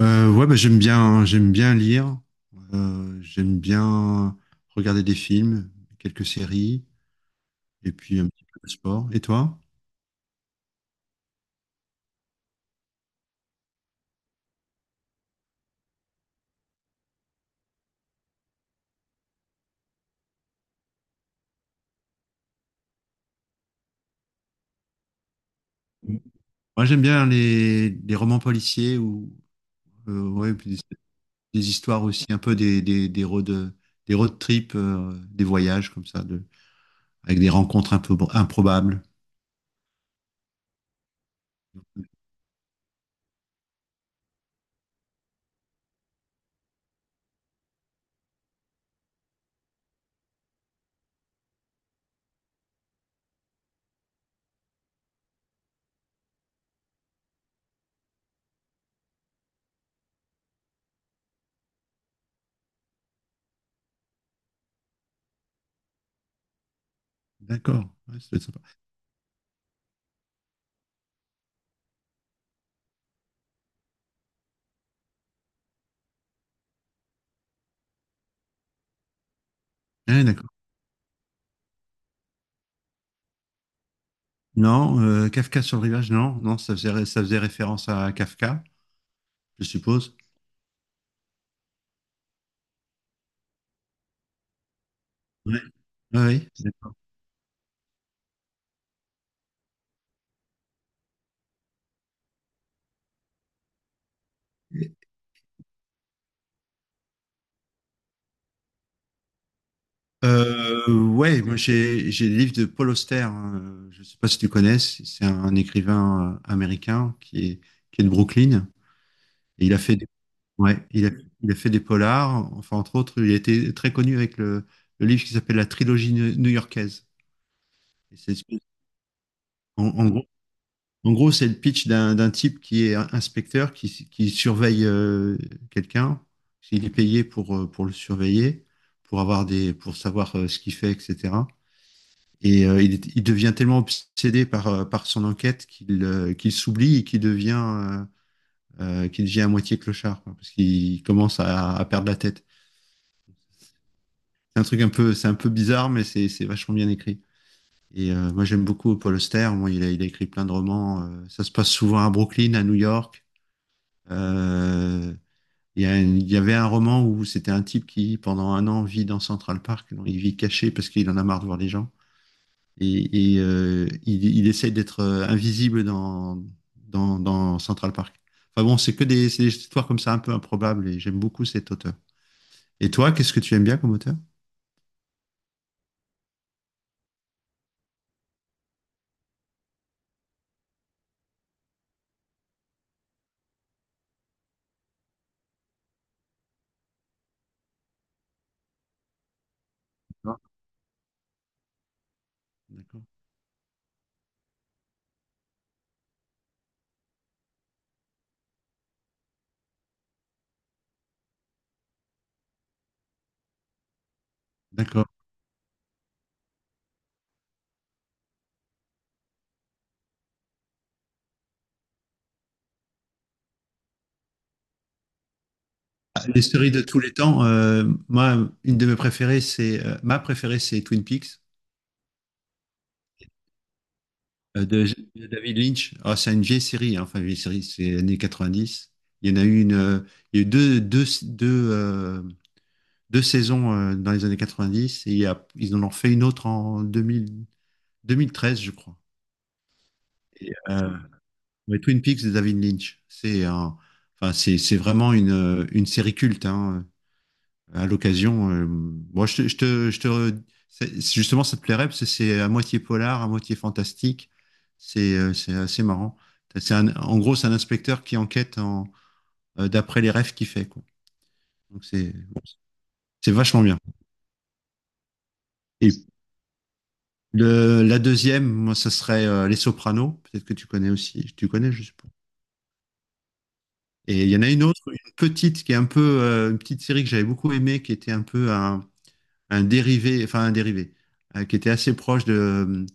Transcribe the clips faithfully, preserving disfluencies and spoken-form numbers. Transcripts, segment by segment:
Euh, ouais, bah, j'aime bien, j'aime bien lire, euh, j'aime bien regarder des films, quelques séries, et puis un petit peu de sport. Et toi? Moi, j'aime bien les, les romans policiers ou euh, ouais, puis des, des histoires aussi, un peu des, des, des road, des road trips, euh, des voyages comme ça, de, avec des rencontres un peu improbables. D'accord, ouais, ça doit être sympa. Ouais, d'accord. Non, euh, Kafka sur le rivage, non, non, ça faisait, ça faisait référence à Kafka, je suppose. Ouais. Ouais, ouais. Euh, ouais, moi j'ai j'ai des livres de Paul Auster. Hein. Je sais pas si tu connais. C'est c'est un écrivain euh, américain qui est qui est de Brooklyn. Et il a fait des, Ouais, il a il a fait des polars. Enfin entre autres, il a été très connu avec le, le livre qui s'appelle La trilogie new- new-yorkaise. Et c'est en, en gros en gros c'est le pitch d'un d'un type qui est un- inspecteur qui qui surveille euh, quelqu'un. Il est payé pour euh, pour le surveiller, pour avoir des pour savoir euh, ce qu'il fait, et cetera. Et euh, il, est- il devient tellement obsédé par, euh, par son enquête qu'il euh, qu'il s'oublie et qu'il devient, euh, euh, qu'il devient à moitié clochard, quoi, parce qu'il commence à, à perdre la tête. C'est un truc un peu, c'est un peu bizarre, mais c'est c'est vachement bien écrit. Et euh, moi, j'aime beaucoup Paul Auster. Moi, il a, il a écrit plein de romans. euh, ça se passe souvent à Brooklyn, à New York. Euh, il y a une- il y avait un roman où c'était un type qui, pendant un an, vit dans Central Park. Donc, il vit caché parce qu'il en a marre de voir les gens. et, et, euh, il, il essaie d'être euh, invisible dans, dans, dans Central Park. Enfin bon, c'est que des, c'est des histoires comme ça un peu improbables et j'aime beaucoup cet auteur. Et toi, qu'est-ce que tu aimes bien comme auteur? D'accord. D'accord. D'accord. Ah, Les séries de tous les temps, euh, moi, une de mes préférées, c'est euh, ma préférée, c'est Twin Peaks euh, de, de David Lynch. Ah, c'est une vieille série, hein. Enfin, vieille série, c'est années quatre-vingt-dix. Il y en a eu une, euh, il y a eu deux, deux, deux, euh, deux saisons euh, dans les années quatre-vingt-dix et il y a- ils en ont fait une autre en deux mille vingt treize, je crois. Et, euh, ouais, Twin Peaks de David Lynch. C'est un- enfin, c'est, c'est vraiment une, euh, une série culte. Hein. À l'occasion, euh, moi, je te, je te, je te- c'est- justement, ça te plairait parce que c'est à moitié polar, à moitié fantastique. C'est euh, c'est assez marrant. C'est un- en gros, c'est un inspecteur qui enquête en, euh, d'après les rêves qu'il fait, quoi. Donc c'est c'est vachement bien. Et le, la deuxième, moi, ça serait euh, Les Sopranos. Peut-être que tu connais aussi. Tu connais, je suppose. Et il y en a une autre, une petite, qui est un peu euh, une petite série que j'avais beaucoup aimée, qui était un peu un, un dérivé, enfin un dérivé, euh, qui était assez proche de,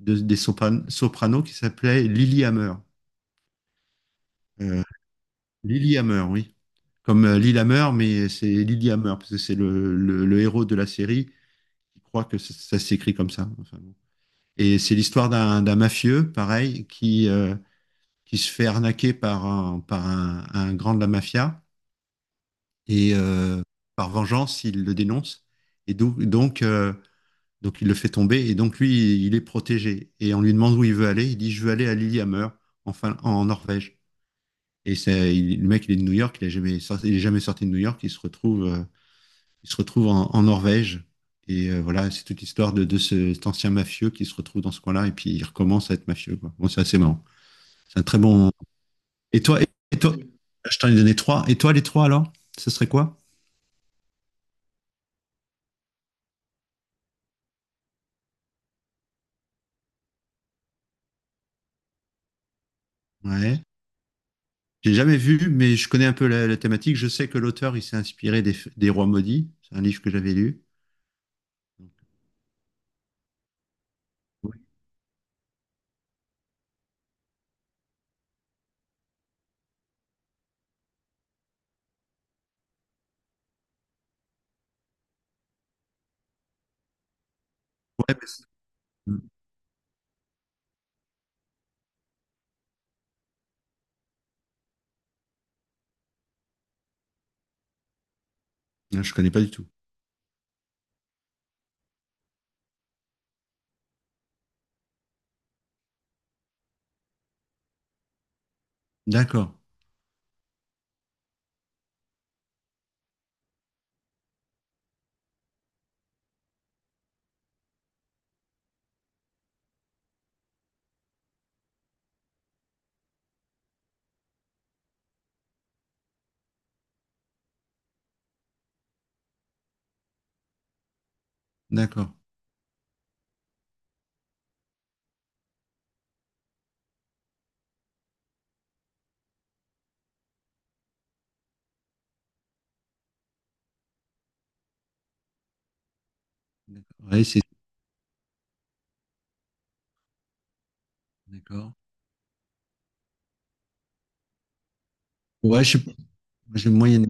de- des Sopran- Sopranos, qui s'appelait Lilyhammer. Euh, Lilyhammer, oui. Comme euh, Lilyhammer, mais c'est Lilyhammer, parce que c'est le, le, le héros de la série qui croit que ça, ça s'écrit comme ça. Enfin, bon. Et c'est l'histoire d'un d'un mafieux, pareil, qui, euh, qui se fait arnaquer par un, par un, un grand de la mafia et euh, par vengeance, il le dénonce et do- donc, euh, donc il le fait tomber et donc lui, il est protégé. Et on lui demande où il veut aller, il dit je veux aller à Lillehammer en, Fin- en Norvège. Et c'est, il- le mec, il est de New York, il n'est jamais, sorti- il est jamais sorti de New York, il se retrouve, euh, il se retrouve en, en Norvège. Et euh, voilà, c'est toute l'histoire de, de ce- cet ancien mafieux qui se retrouve dans ce coin-là et puis il recommence à être mafieux, quoi. Bon, c'est assez marrant. C'est un très bon, Et toi, et toi je t'en ai donné trois. Et toi, les trois, alors ce serait quoi? Ouais. J'ai jamais vu, mais je connais un peu la, la thématique. Je sais que l'auteur, il s'est inspiré des, des Rois maudits. C'est un livre que j'avais lu. Ouais, ouais, mais c'est- Hmm. Non, je connais pas du tout. D'accord, d'accord. D'accord. Ouais, c'est d'accord. Ouais, je sais pas. Moi, j'ai moyenne-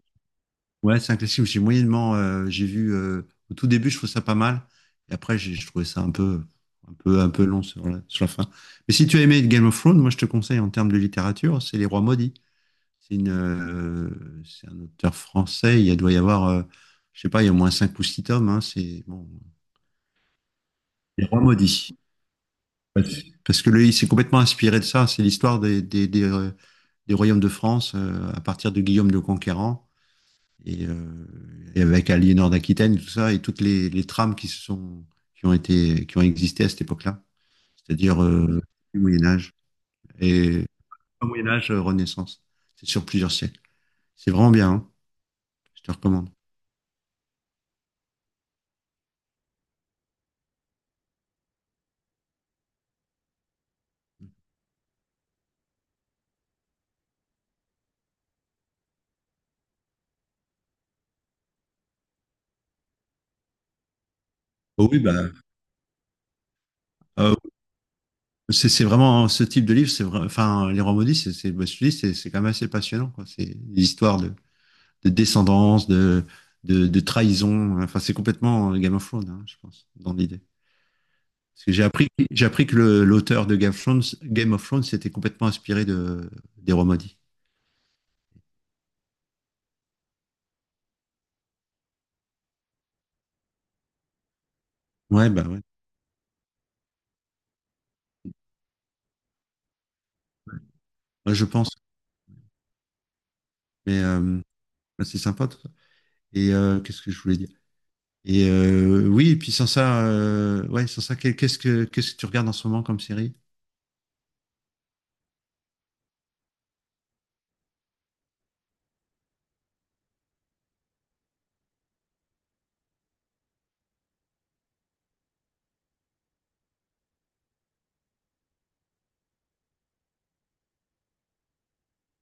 Ouais, c'est un classique. J'ai moyennement, euh, j'ai vu euh, au tout début, je trouve ça pas mal. Et après, j'ai je trouvais ça un peu, un peu, un peu, long sur la, sur la fin. Mais si tu as aimé Game of Thrones, moi, je te conseille en termes de littérature, c'est Les Rois maudits. C'est une, euh, c'est un auteur français. Il y a- doit y avoir, euh, je sais pas, il y a au moins cinq ou six tomes. Hein. C'est bon, Les Rois maudits. Parce Parce que lui, il s'est complètement inspiré de ça. C'est l'histoire des, des, des, euh, des royaumes de France euh, à partir de Guillaume le Conquérant et, euh, et avec Aliénor d'Aquitaine, tout ça, et toutes les, les trames qui se sont, qui ont été, qui ont existé à cette époque-là. C'est-à-dire euh, du Moyen Âge et pas Moyen Âge, euh, Renaissance. C'est sur plusieurs siècles. C'est vraiment bien. Hein. Je te recommande. Oh oui, bah, C'est c'est vraiment hein, ce type de livre, c'est vrai, enfin les rois maudits, c'est c'est bah, je te dis, c'est c'est quand même assez passionnant quoi. C'est des histoires de, de descendance, de, de de trahison. Enfin c'est complètement euh, Game of Thrones, hein, je pense, dans l'idée. Parce que j'ai appris j'ai appris que le- l'auteur de Game of Thrones, Game of Thrones, s'était complètement inspiré de des rois maudits. Ouais bah ouais, Ouais, je pense. Mais euh, bah, c'est sympa tout ça. Et euh, qu'est-ce que je voulais dire? Et euh, oui, et puis sans ça, euh, ouais, sans ça, quel- qu'est-ce que qu'est-ce que tu regardes en ce moment comme série?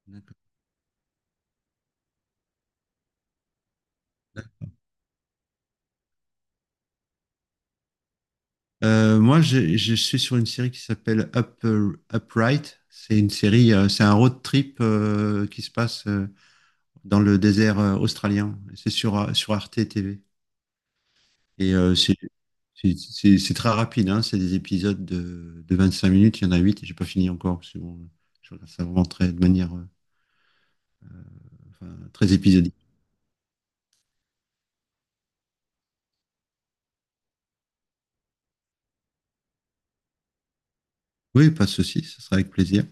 D'accord. Euh, moi, je, je suis sur une série qui s'appelle Up, euh, Upright. C'est une série, euh, c'est un road trip euh, qui se passe euh, dans le désert euh, australien. C'est sur euh, sur Arte T V. Et euh, c'est c'est- c'est- c'est très rapide, hein. C'est des épisodes de, de vingt-cinq minutes, il y en a huit et j'ai pas fini encore, parce que bon, je regarde ça vraiment très, de manière euh, enfin, très épisodique. Oui, pas de souci, ce sera avec plaisir.